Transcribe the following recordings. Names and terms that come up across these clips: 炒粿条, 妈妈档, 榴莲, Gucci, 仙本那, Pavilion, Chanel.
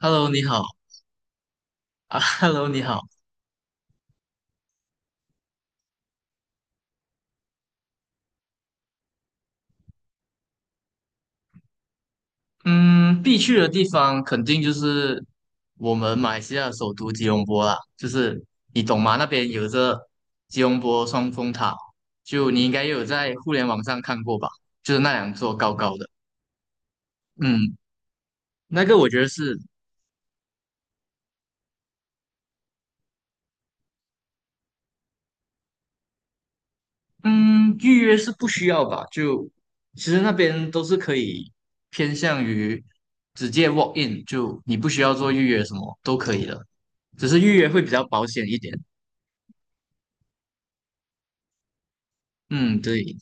Hello，你好啊，Hello，你好。嗯，必去的地方肯定就是我们马来西亚首都吉隆坡啦，就是你懂吗？那边有着吉隆坡双峰塔，就你应该也有在互联网上看过吧？就是那两座高高的，嗯，那个我觉得是，嗯，预约是不需要吧？就其实那边都是可以偏向于直接 walk in，就你不需要做预约什么都可以的，只是预约会比较保险一点。嗯，对，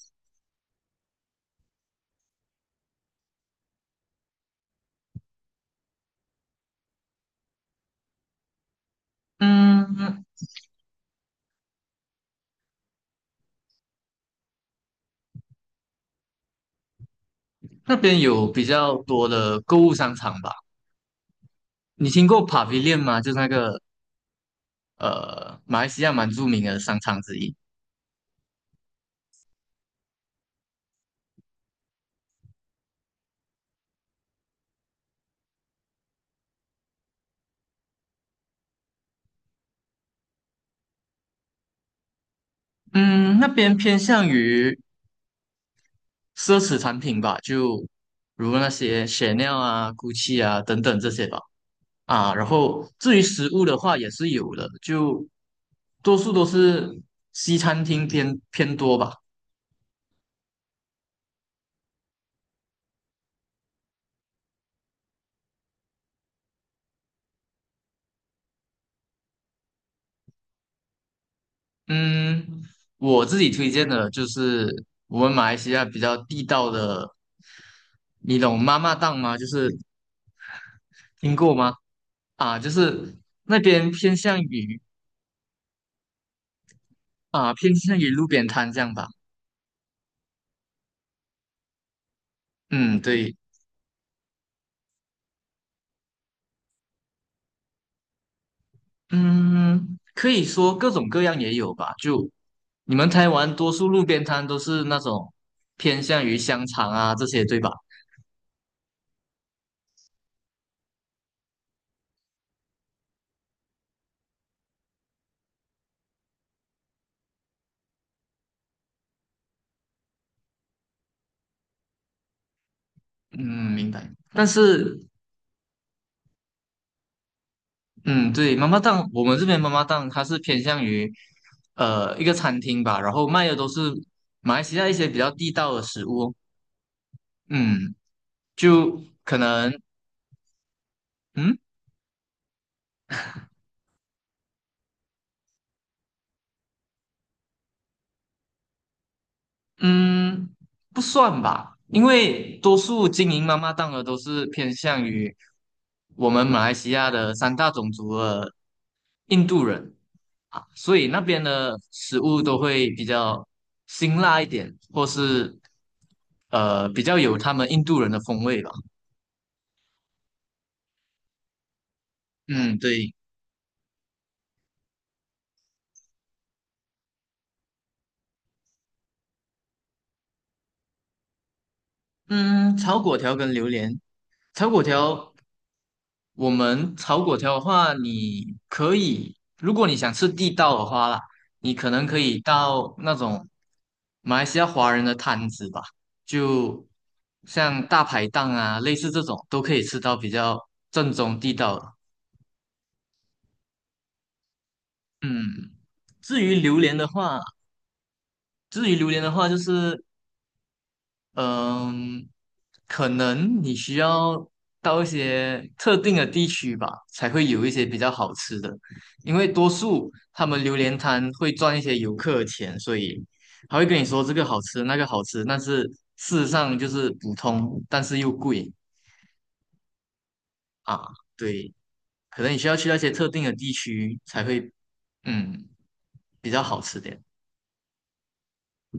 嗯，那边有比较多的购物商场吧？你听过 Pavilion 吗？就是那个马来西亚蛮著名的商场之一。嗯，那边偏向于奢侈产品吧，就如那些 Chanel 啊、GUCCI 啊等等这些吧。啊，然后至于食物的话也是有的，就多数都是西餐厅偏偏多吧。嗯，我自己推荐的就是我们马来西亚比较地道的，你懂妈妈档吗？就是听过吗？啊，就是那边偏向于啊，偏向于路边摊这样吧。嗯，对，嗯，可以说各种各样也有吧。就你们台湾多数路边摊都是那种偏向于香肠啊这些，对吧？嗯，明白。但是嗯，对，妈妈档，我们这边妈妈档，它是偏向于一个餐厅吧，然后卖的都是马来西亚一些比较地道的食物。嗯，就可能嗯。嗯，不算吧，因为多数经营妈妈档的都是偏向于我们马来西亚的三大种族的印度人啊，所以那边的食物都会比较辛辣一点，或是比较有他们印度人的风味吧。嗯，对，嗯，炒粿条跟榴莲，炒粿条。我们炒粿条的话，你可以，如果你想吃地道的话啦，你可能可以到那种马来西亚华人的摊子吧，就像大排档啊，类似这种都可以吃到比较正宗地道的。嗯，至于榴莲的话，至于榴莲的话，就是嗯，可能你需要到一些特定的地区吧，才会有一些比较好吃的。因为多数他们榴莲摊会赚一些游客的钱，所以他会跟你说这个好吃，那个好吃，但是事实上就是普通，但是又贵啊。对，可能你需要去那些特定的地区才会，嗯，比较好吃点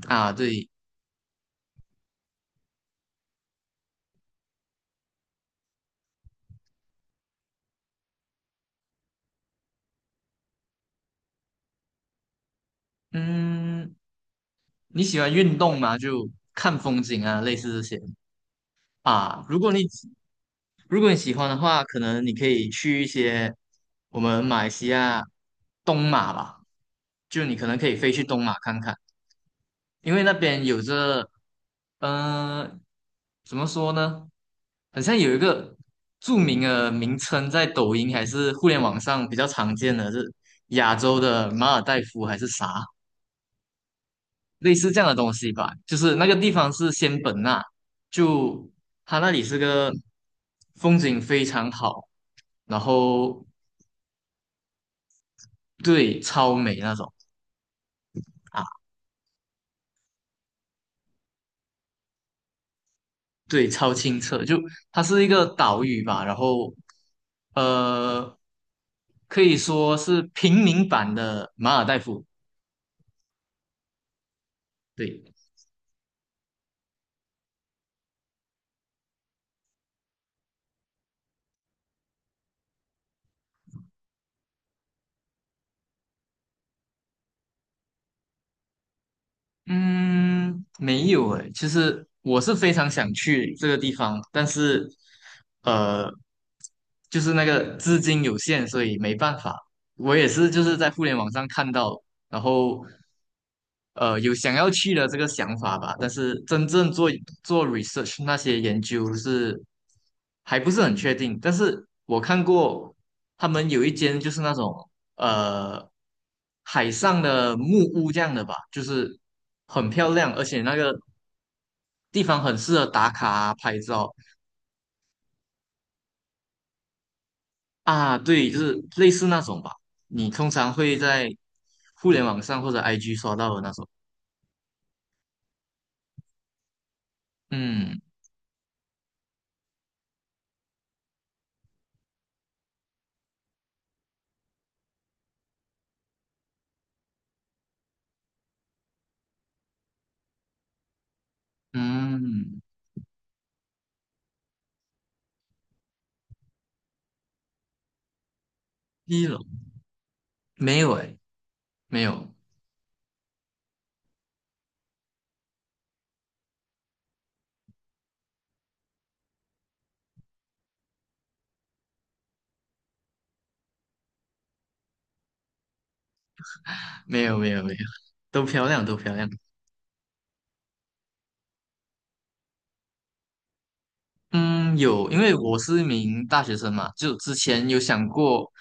啊。对，嗯，你喜欢运动吗？就看风景啊，类似这些。啊，如果你喜欢的话，可能你可以去一些我们马来西亚东马吧，就你可能可以飞去东马看看，因为那边有着，嗯，怎么说呢？好像有一个著名的名称，在抖音还是互联网上比较常见的是亚洲的马尔代夫还是啥，类似这样的东西吧。就是那个地方是仙本那，就它那里是个风景非常好。然后对，超美那种啊，对，超清澈，就它是一个岛屿吧，然后呃，可以说是平民版的马尔代夫，对。嗯，没有诶，其实我是非常想去这个地方，但是呃，就是那个资金有限，所以没办法。我也是就是在互联网上看到，然后有想要去的这个想法吧，但是真正做 research 那些研究是还不是很确定。但是我看过他们有一间就是那种。呃海上的木屋这样的吧，就是很漂亮，而且那个地方很适合打卡啊拍照啊。对，就是类似那种吧，你通常会在互联网上或者 IG 刷到的那种。嗯嗯，一楼没有诶，没有没有没有没有，都漂亮都漂亮。嗯，有，因为我是一名大学生嘛，就之前有想过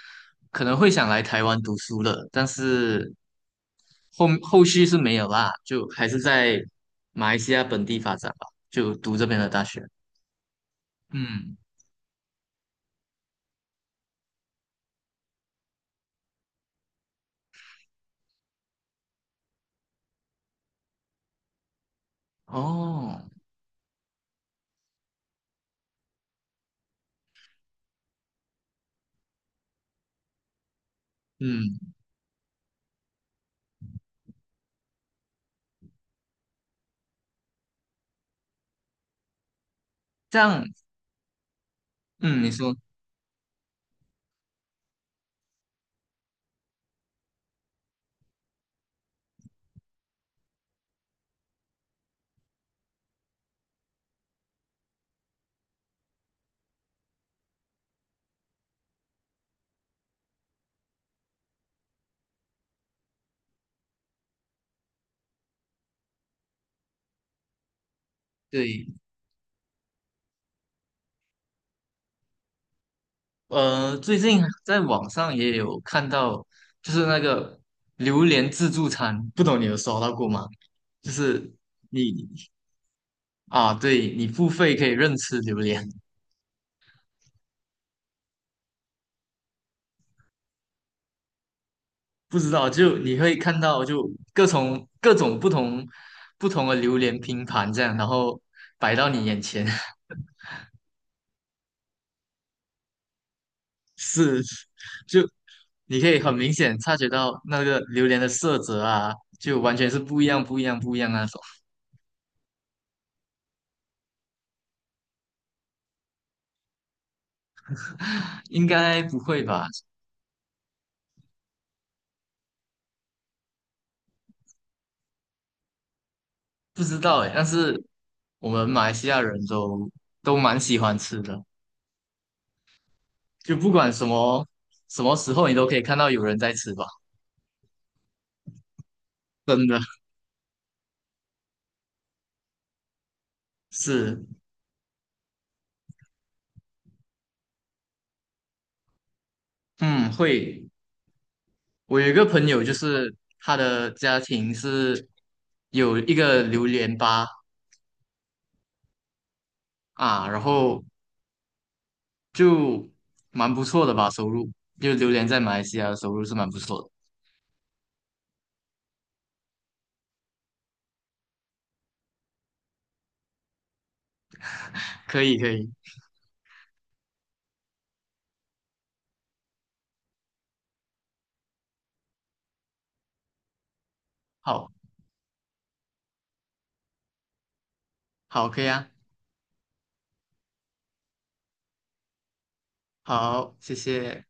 可能会想来台湾读书的，但是后续是没有啦，就还是在马来西亚本地发展吧，就读这边的大学。嗯，哦，嗯，这样，嗯，你说对，最近在网上也有看到，就是那个榴莲自助餐，不懂你有刷到过吗？就是你啊，对，你付费可以任吃榴莲，不知道就你会看到就各种不同的榴莲拼盘这样，然后摆到你眼前。是，就你可以很明显察觉到那个榴莲的色泽啊，就完全是不一样、不一样、不一样那种。应该不会吧？不知道哎，但是我们马来西亚人都蛮喜欢吃的，就不管什么时候，你都可以看到有人在吃吧。真的是，嗯，会。我有一个朋友，就是他的家庭是有一个榴莲吧啊，然后就蛮不错的吧，收入就榴莲在马来西亚的收入是蛮不错的，可以可以，好，好，可以啊，好，谢谢。